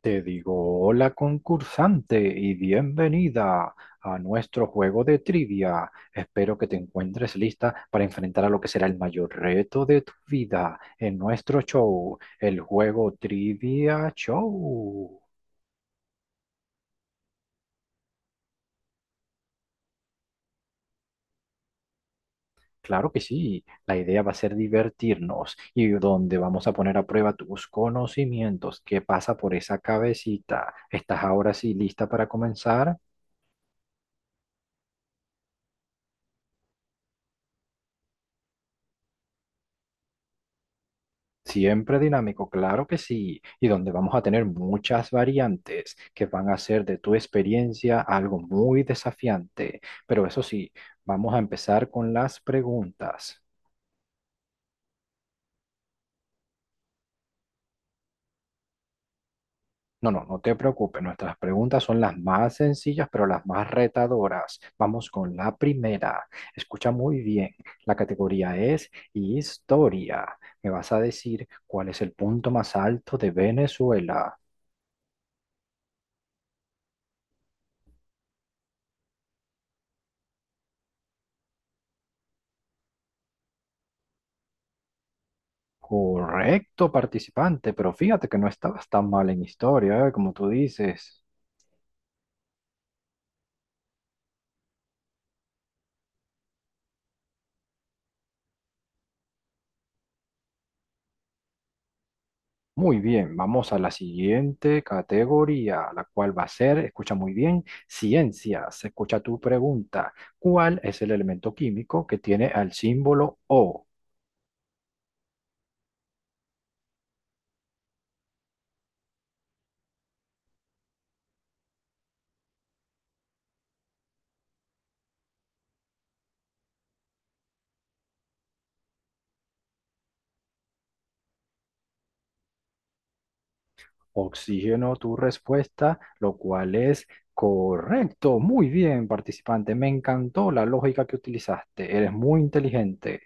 Te digo, hola concursante y bienvenida a nuestro juego de trivia. Espero que te encuentres lista para enfrentar a lo que será el mayor reto de tu vida en nuestro show, el juego Trivia Show. Claro que sí, la idea va a ser divertirnos y donde vamos a poner a prueba tus conocimientos. ¿Qué pasa por esa cabecita? ¿Estás ahora sí lista para comenzar? Siempre dinámico, claro que sí, y donde vamos a tener muchas variantes que van a hacer de tu experiencia algo muy desafiante. Pero eso sí, vamos a empezar con las preguntas. No, no, no te preocupes, nuestras preguntas son las más sencillas, pero las más retadoras. Vamos con la primera. Escucha muy bien, la categoría es historia. Me vas a decir cuál es el punto más alto de Venezuela. Correcto, participante, pero fíjate que no estabas tan mal en historia, ¿eh? Como tú dices. Muy bien, vamos a la siguiente categoría, la cual va a ser, escucha muy bien, ciencias. Escucha tu pregunta. ¿Cuál es el elemento químico que tiene al símbolo O? Oxígeno, tu respuesta, lo cual es correcto. Muy bien, participante, me encantó la lógica que utilizaste. Eres muy inteligente.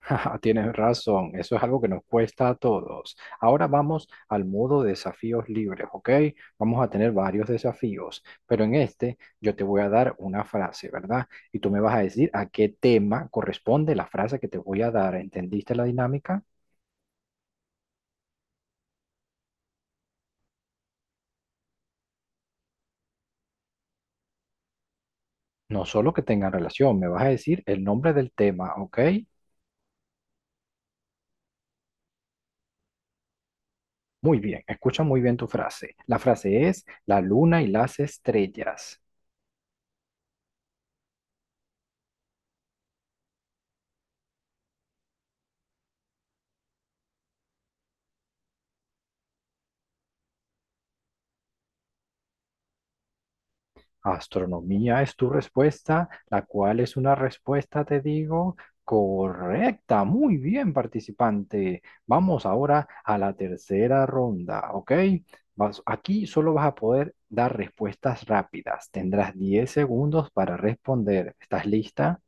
Tienes razón, eso es algo que nos cuesta a todos. Ahora vamos al modo desafíos libres, ¿ok? Vamos a tener varios desafíos, pero en este yo te voy a dar una frase, ¿verdad? Y tú me vas a decir a qué tema corresponde la frase que te voy a dar. ¿Entendiste la dinámica? No solo que tengan relación, me vas a decir el nombre del tema, ¿ok? Muy bien, escucha muy bien tu frase. La frase es la luna y las estrellas. Astronomía es tu respuesta, la cual es una respuesta, te digo, correcta. Muy bien, participante. Vamos ahora a la tercera ronda, ¿ok? Aquí solo vas a poder dar respuestas rápidas. Tendrás 10 segundos para responder. ¿Estás lista?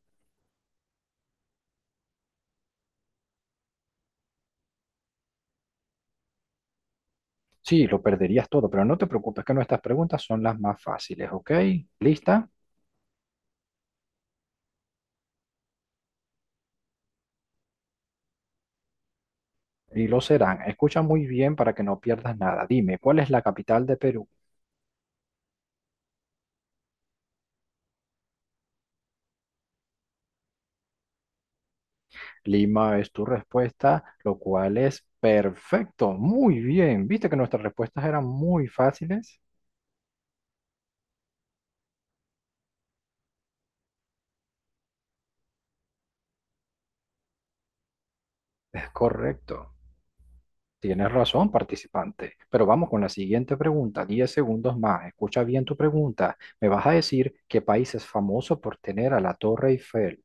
Sí, lo perderías todo, pero no te preocupes que nuestras preguntas son las más fáciles, ¿ok? ¿Lista? Y lo serán. Escucha muy bien para que no pierdas nada. Dime, ¿cuál es la capital de Perú? Lima es tu respuesta, lo cual es perfecto. Muy bien. Viste que nuestras respuestas eran muy fáciles. Es correcto. Tienes razón, participante. Pero vamos con la siguiente pregunta. 10 segundos más. Escucha bien tu pregunta. Me vas a decir qué país es famoso por tener a la Torre Eiffel.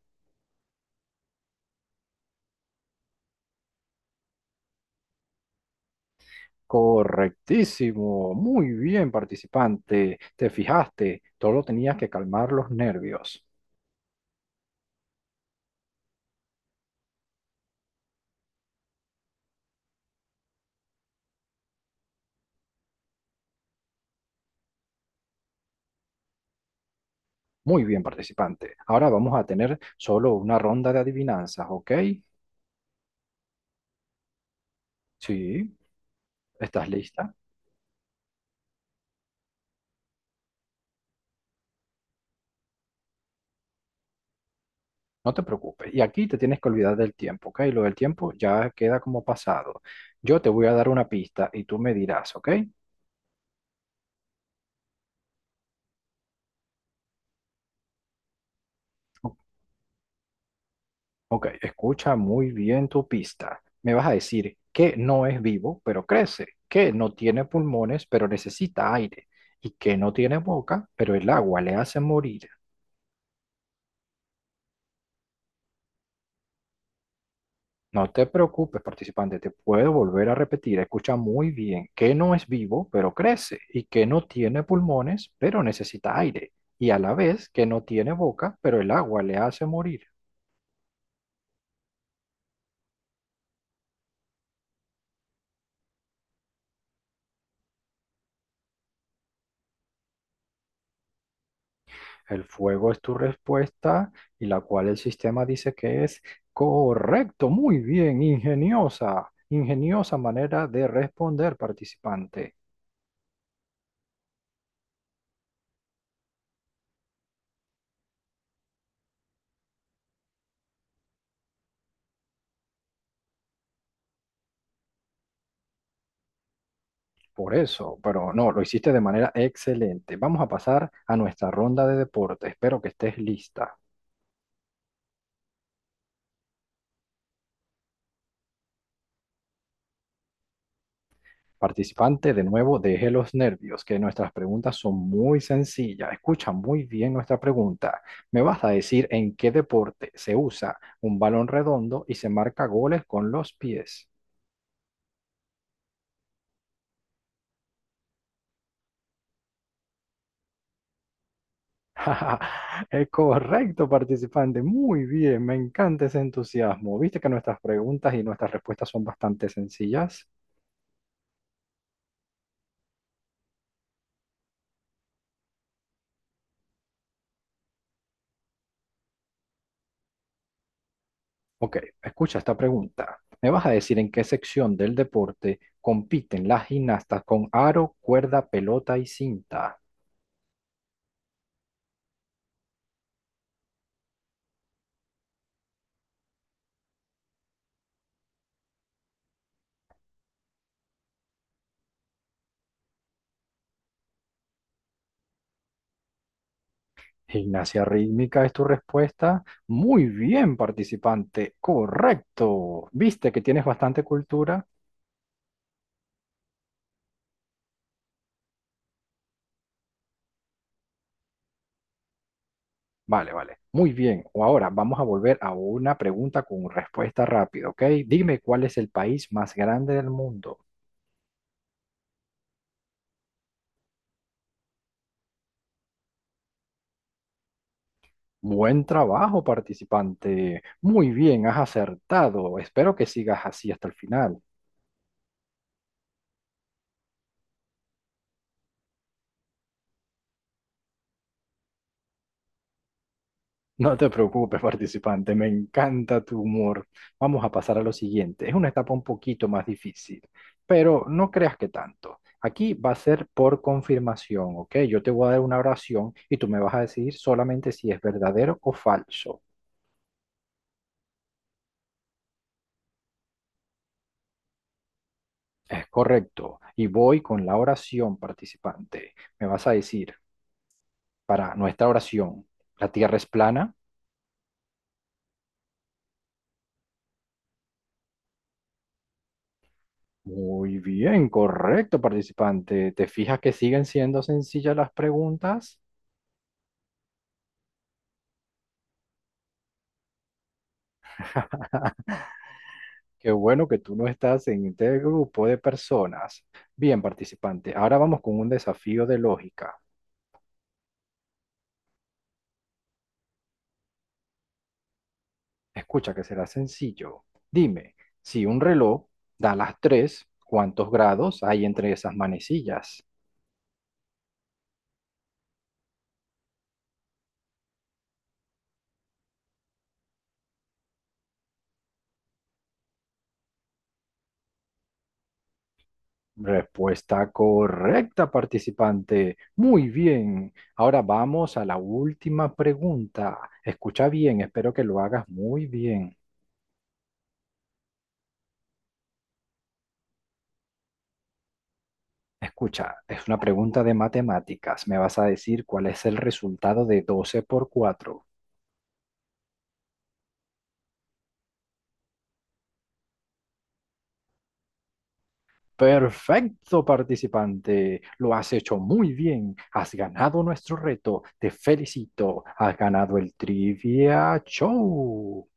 Correctísimo. Muy bien, participante. Te fijaste. Solo tenías que calmar los nervios. Muy bien, participante. Ahora vamos a tener solo una ronda de adivinanzas, ¿ok? Sí, estás lista. No te preocupes. Y aquí te tienes que olvidar del tiempo, ¿ok? Lo del tiempo ya queda como pasado. Yo te voy a dar una pista y tú me dirás, ¿ok? O- Ok, escucha muy bien tu pista. Me vas a decir que no es vivo, pero crece, que no tiene pulmones, pero necesita aire, y que no tiene boca, pero el agua le hace morir. No te preocupes, participante, te puedo volver a repetir. Escucha muy bien que no es vivo, pero crece, y que no tiene pulmones, pero necesita aire, y a la vez que no tiene boca, pero el agua le hace morir. El fuego es tu respuesta, y la cual el sistema dice que es correcto, muy bien, ingeniosa, ingeniosa manera de responder, participante. Por eso, pero no, lo hiciste de manera excelente. Vamos a pasar a nuestra ronda de deporte. Espero que estés lista. Participante de nuevo, deje los nervios, que nuestras preguntas son muy sencillas. Escucha muy bien nuestra pregunta. ¿Me vas a decir en qué deporte se usa un balón redondo y se marca goles con los pies? Es correcto, participante. Muy bien, me encanta ese entusiasmo. ¿Viste que nuestras preguntas y nuestras respuestas son bastante sencillas? Ok, escucha esta pregunta. ¿Me vas a decir en qué sección del deporte compiten las gimnastas con aro, cuerda, pelota y cinta? Gimnasia rítmica es tu respuesta. Muy bien, participante. Correcto. ¿Viste que tienes bastante cultura? Vale, vale. Muy bien. O ahora vamos a volver a una pregunta con respuesta rápida, ¿ok? Dime cuál es el país más grande del mundo. Buen trabajo, participante. Muy bien, has acertado. Espero que sigas así hasta el final. No te preocupes, participante, me encanta tu humor. Vamos a pasar a lo siguiente. Es una etapa un poquito más difícil, pero no creas que tanto. Aquí va a ser por confirmación, ¿ok? Yo te voy a dar una oración y tú me vas a decir solamente si es verdadero o falso. Es correcto. Y voy con la oración, participante. Me vas a decir, para nuestra oración, ¿la Tierra es plana? Muy bien, correcto, participante. ¿Te fijas que siguen siendo sencillas las preguntas? Qué bueno que tú no estás en este grupo de personas. Bien, participante, ahora vamos con un desafío de lógica. Escucha que será sencillo. Dime, si un reloj da las 3, ¿cuántos grados hay entre esas manecillas? Respuesta correcta, participante. Muy bien. Ahora vamos a la última pregunta. Escucha bien, espero que lo hagas muy bien. Escucha, es una pregunta de matemáticas. Me vas a decir cuál es el resultado de 12 por 4. Perfecto, participante. Lo has hecho muy bien. Has ganado nuestro reto. Te felicito. Has ganado el Trivia Show.